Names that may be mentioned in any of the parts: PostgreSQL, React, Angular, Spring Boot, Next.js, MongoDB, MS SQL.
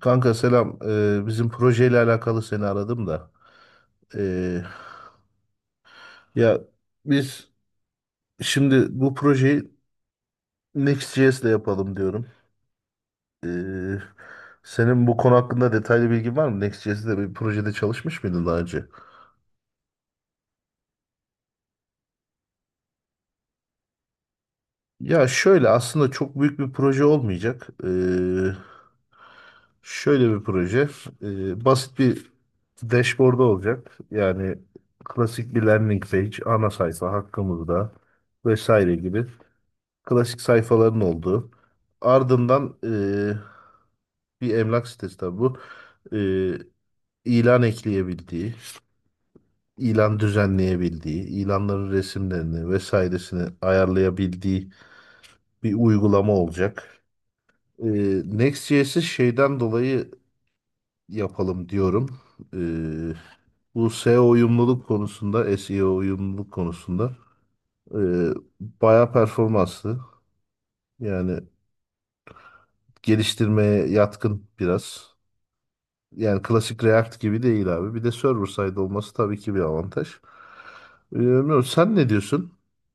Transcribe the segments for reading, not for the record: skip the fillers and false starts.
Kanka selam. Bizim projeyle alakalı seni aradım da. Ee, ya biz şimdi bu projeyi Next.js ile yapalım diyorum. Ee, senin bu konu hakkında detaylı bilgin var mı? Next.js'de bir projede çalışmış mıydın daha önce? Ya şöyle aslında çok büyük bir proje olmayacak. Şöyle bir proje. Basit bir dashboard olacak. Yani klasik bir landing page, ana sayfa hakkımızda vesaire gibi. Klasik sayfaların olduğu. Ardından bir emlak sitesi tabii bu. Eee, ilan ekleyebildiği, ilan düzenleyebildiği, ilanların resimlerini vesairesini ayarlayabildiği bir uygulama olacak. Next.js'i şeyden dolayı yapalım diyorum. Eee, bu SEO uyumluluk konusunda, SEO uyumluluk konusunda eee bayağı performanslı. Yani geliştirmeye yatkın biraz. Yani klasik React gibi değil abi. Bir de server side olması tabii ki bir avantaj. Bilmiyorum, sen ne diyorsun?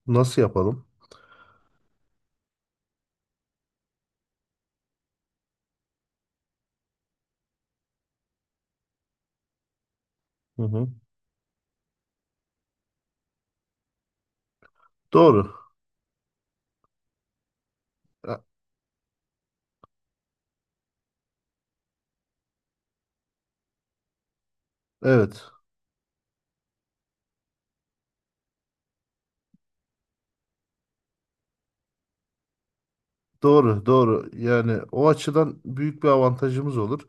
Nasıl yapalım? Hı hı. Doğru. E- Evet. Doğru, doğru. Yani o açıdan büyük bir avantajımız olur.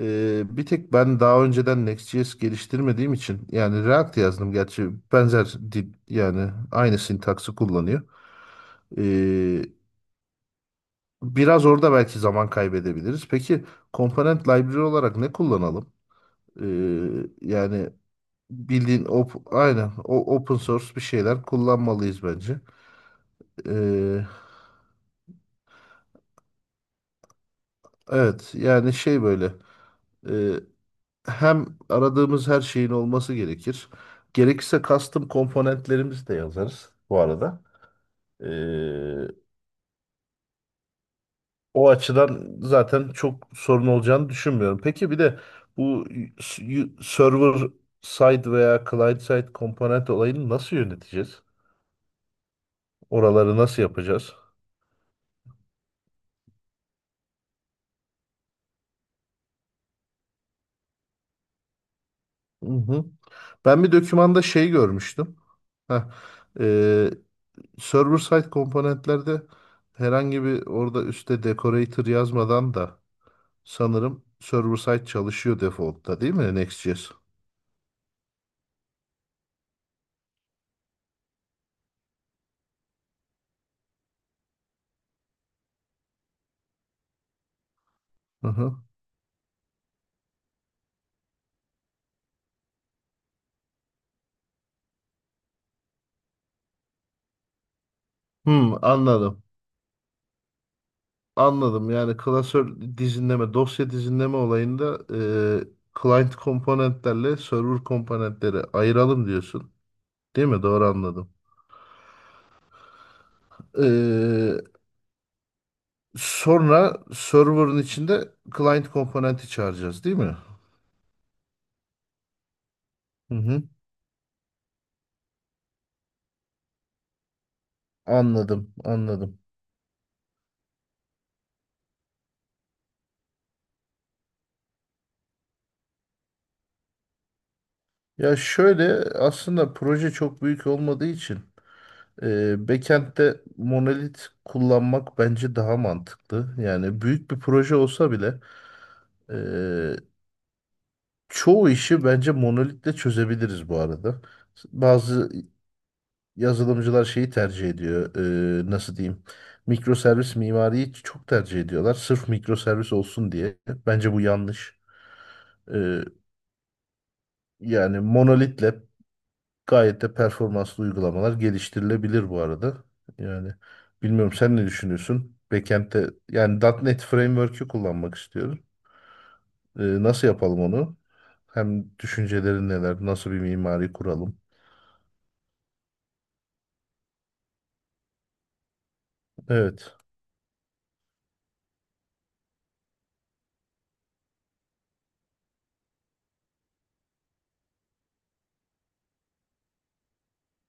Bir tek ben daha önceden Next.js geliştirmediğim için yani React yazdım gerçi benzer dil yani aynı sintaksı kullanıyor. Ee, biraz orada belki zaman kaybedebiliriz. Peki komponent library olarak ne kullanalım? Ee, yani bildiğin op aynen o open source bir şeyler kullanmalıyız bence. Ee, evet yani şey böyle e, hem aradığımız her şeyin olması gerekir. Gerekirse custom komponentlerimizi de yazarız bu arada. Ee, o açıdan zaten çok sorun olacağını düşünmüyorum. Peki bir de bu server side veya client side komponent olayını nasıl yöneteceğiz? Oraları nasıl yapacağız? Hı hı. Ben bir dokümanda şey görmüştüm. Heh. Ee, server side komponentlerde herhangi bir orada üstte decorator yazmadan da sanırım server side çalışıyor defaultta değil mi Next.js? Hı hı. Anladım. Anladım. Yani klasör dizinleme, dosya dizinleme olayında client komponentlerle server komponentleri ayıralım diyorsun. Değil mi? Doğru anladım. Ee, sonra server'ın içinde client komponenti çağıracağız değil mi? Hı hı. Anladım, anladım. Ya şöyle aslında proje çok büyük olmadığı için backend'de monolit kullanmak bence daha mantıklı. Yani büyük bir proje olsa bile e, çoğu işi bence monolitle çözebiliriz bu arada. Bazı yazılımcılar şeyi tercih ediyor. Nasıl diyeyim? Mikroservis mimariyi çok tercih ediyorlar. Sırf mikroservis olsun diye. Bence bu yanlış. E, yani monolitle gayet de performanslı uygulamalar geliştirilebilir bu arada. Yani bilmiyorum sen ne düşünüyorsun? Backend'de yani .nokta .NET Framework'ü kullanmak istiyorum. Nasıl yapalım onu? Hem düşüncelerin neler? Nasıl bir mimari kuralım? Evet.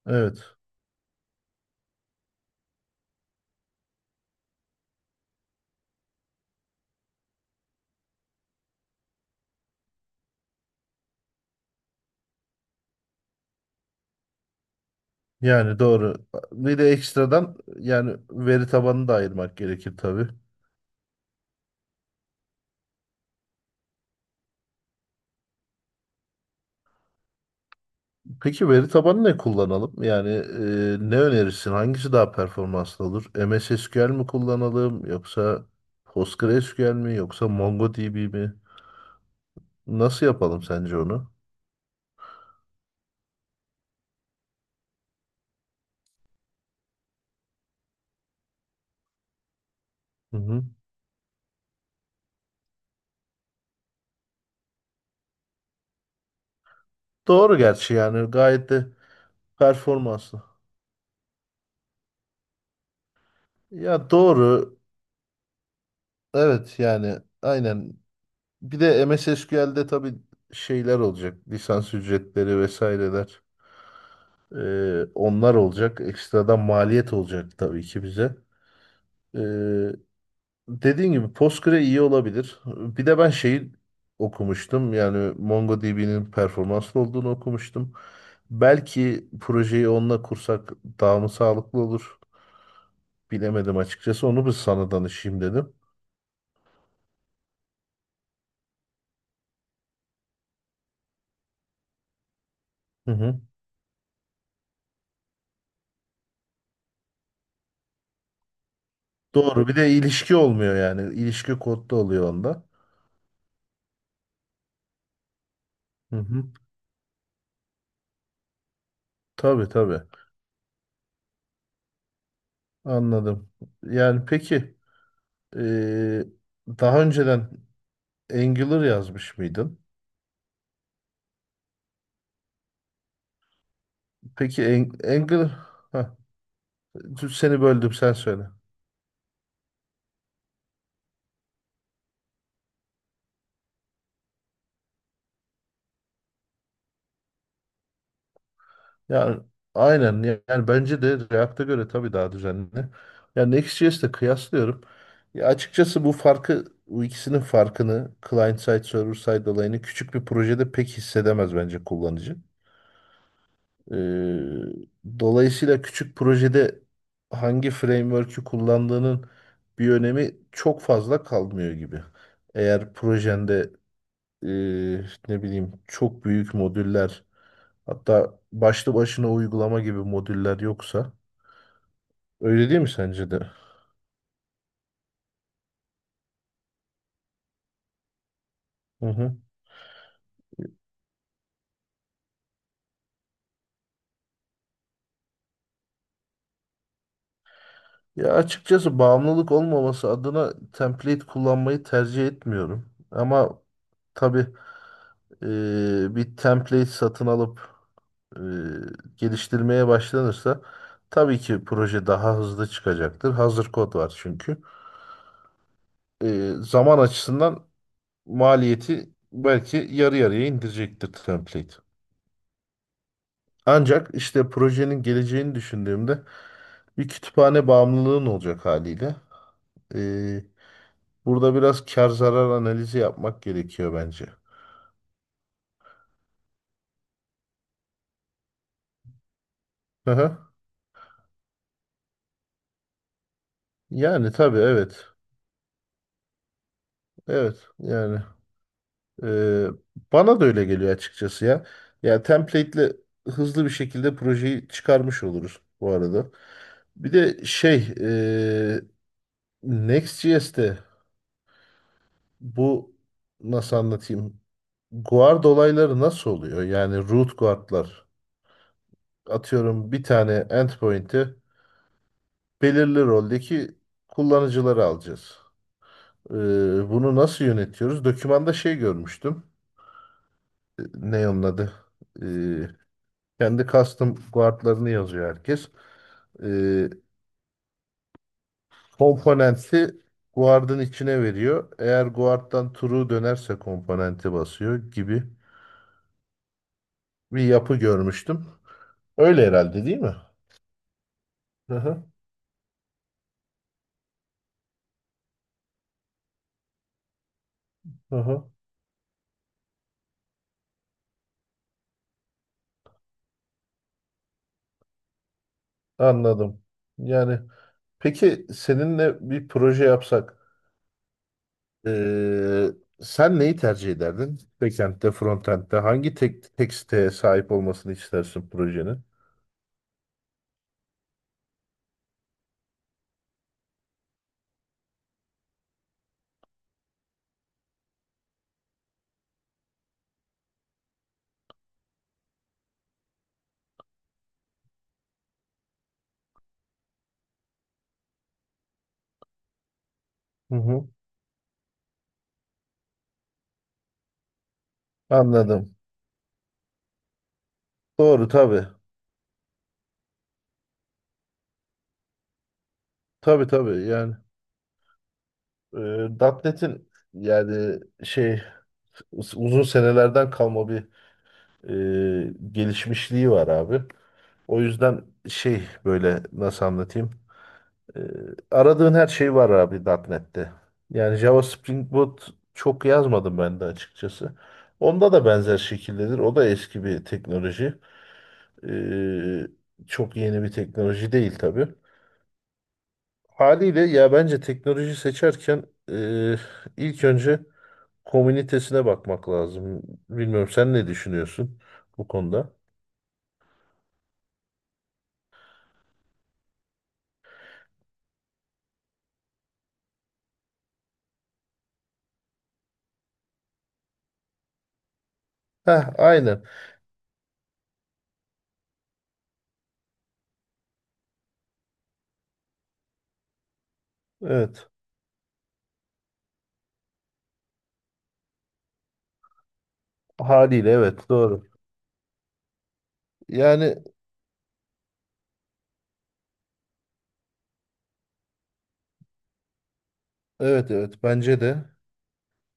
Evet. Yani doğru. Bir de ekstradan yani veri tabanını da ayırmak gerekir tabii. Peki veri tabanı ne kullanalım? Yani ne önerirsin? Hangisi daha performanslı olur? MS SQL mi kullanalım yoksa PostgreSQL mi yoksa MongoDB mi? Nasıl yapalım sence onu? Hı hı. Doğru gerçi yani gayet de performanslı. Ya doğru. Evet yani aynen. Bir de MS SQL'de tabii şeyler olacak. Lisans ücretleri vesaireler. E, onlar olacak. Ekstradan maliyet olacak tabii ki bize. Ee, Dediğin gibi Postgre iyi olabilir. Bir de ben şeyi okumuştum. Yani MongoDB'nin performanslı olduğunu okumuştum. Belki projeyi onunla kursak daha mı sağlıklı olur? Bilemedim açıkçası. Onu bir sana danışayım dedim. Hı hı. Doğru. Bir de ilişki olmuyor yani. İlişki kodda oluyor onda. Hı hı. Tabii tabii. Anladım. Yani peki eee, daha önceden Angular yazmış mıydın? Peki Angular... Heh, seni böldüm sen söyle. Yani aynen yani bence de React'a göre tabii daha düzenli. Yani Next.js'le kıyaslıyorum. Ya açıkçası bu farkı bu ikisinin farkını client side server side olayını küçük bir projede pek hissedemez bence kullanıcı. Ee, dolayısıyla küçük projede hangi framework'ü kullandığının bir önemi çok fazla kalmıyor gibi. Eğer projende e, ne bileyim çok büyük modüller hatta başlı başına uygulama gibi modüller yoksa. Öyle değil mi sence de? Hı hı. Ya açıkçası bağımlılık olmaması adına template kullanmayı tercih etmiyorum. Ama tabii bir template satın alıp e, geliştirmeye başlanırsa tabii ki proje daha hızlı çıkacaktır. Hazır kod var çünkü. Zaman açısından maliyeti belki yarı yarıya indirecektir template. Ancak işte projenin geleceğini düşündüğümde bir kütüphane bağımlılığın olacak haliyle. Ee, burada biraz kar zarar analizi yapmak gerekiyor bence. Aha. Yani tabii evet. Evet yani ee, bana da öyle geliyor açıkçası ya. Ya template'le hızlı bir şekilde projeyi çıkarmış oluruz bu arada. Bir de şey Next.js'te bu nasıl anlatayım? Guard olayları nasıl oluyor? Yani root guardlar. Atıyorum bir tane endpoint'i belirli roldeki kullanıcıları alacağız. Bunu nasıl yönetiyoruz? Dokümanda şey görmüştüm. Ne onun adı? Ee, kendi custom guardlarını yazıyor herkes. Ee, komponenti guard'ın içine veriyor. Eğer guard'dan true dönerse komponenti basıyor gibi bir yapı görmüştüm. Öyle herhalde değil mi? Hı hı. Hı hı. Anladım. Yani peki seninle bir proje yapsak eee, sen neyi tercih ederdin? Backend'de, frontend'de hangi tek siteye sahip olmasını istersin projenin? Hı hı. Anladım. Doğru tabii. Tabii tabii yani .nokta .NET'in yani şey uzun senelerden kalma bir gelişmişliği var abi. O yüzden şey böyle nasıl anlatayım? Ee, aradığın her şey var abi .nokta .NET'te. Yani Java Spring Boot çok yazmadım ben de açıkçası. Onda da benzer şekildedir. O da eski bir teknoloji. Ee, çok yeni bir teknoloji değil tabii. Haliyle ya bence teknoloji seçerken e, ilk önce komünitesine bakmak lazım. Bilmiyorum sen ne düşünüyorsun bu konuda? Heh, aynen. Evet. Haliyle evet doğru. Yani evet evet bence de.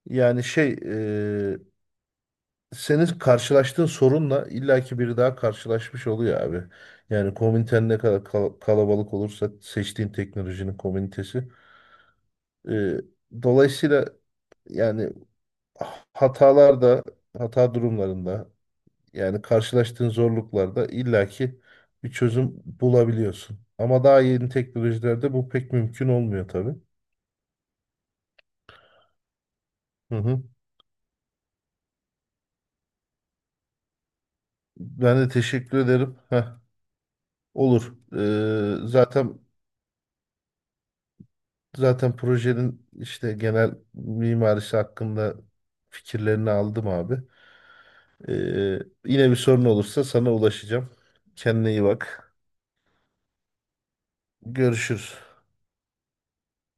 Yani şey e, senin karşılaştığın sorunla illaki biri daha karşılaşmış oluyor abi. Yani komüniten ne kadar kalabalık olursa seçtiğin teknolojinin komünitesi. e, dolayısıyla yani hatalarda, hata durumlarında yani karşılaştığın zorluklarda illaki bir çözüm bulabiliyorsun. Ama daha yeni teknolojilerde bu pek mümkün olmuyor tabii. Hı hı. Ben de teşekkür ederim. Heh, olur. Ee, zaten Zaten projenin işte genel mimarisi hakkında fikirlerini aldım abi. Ee, yine bir sorun olursa sana ulaşacağım. Kendine iyi bak. Görüşürüz.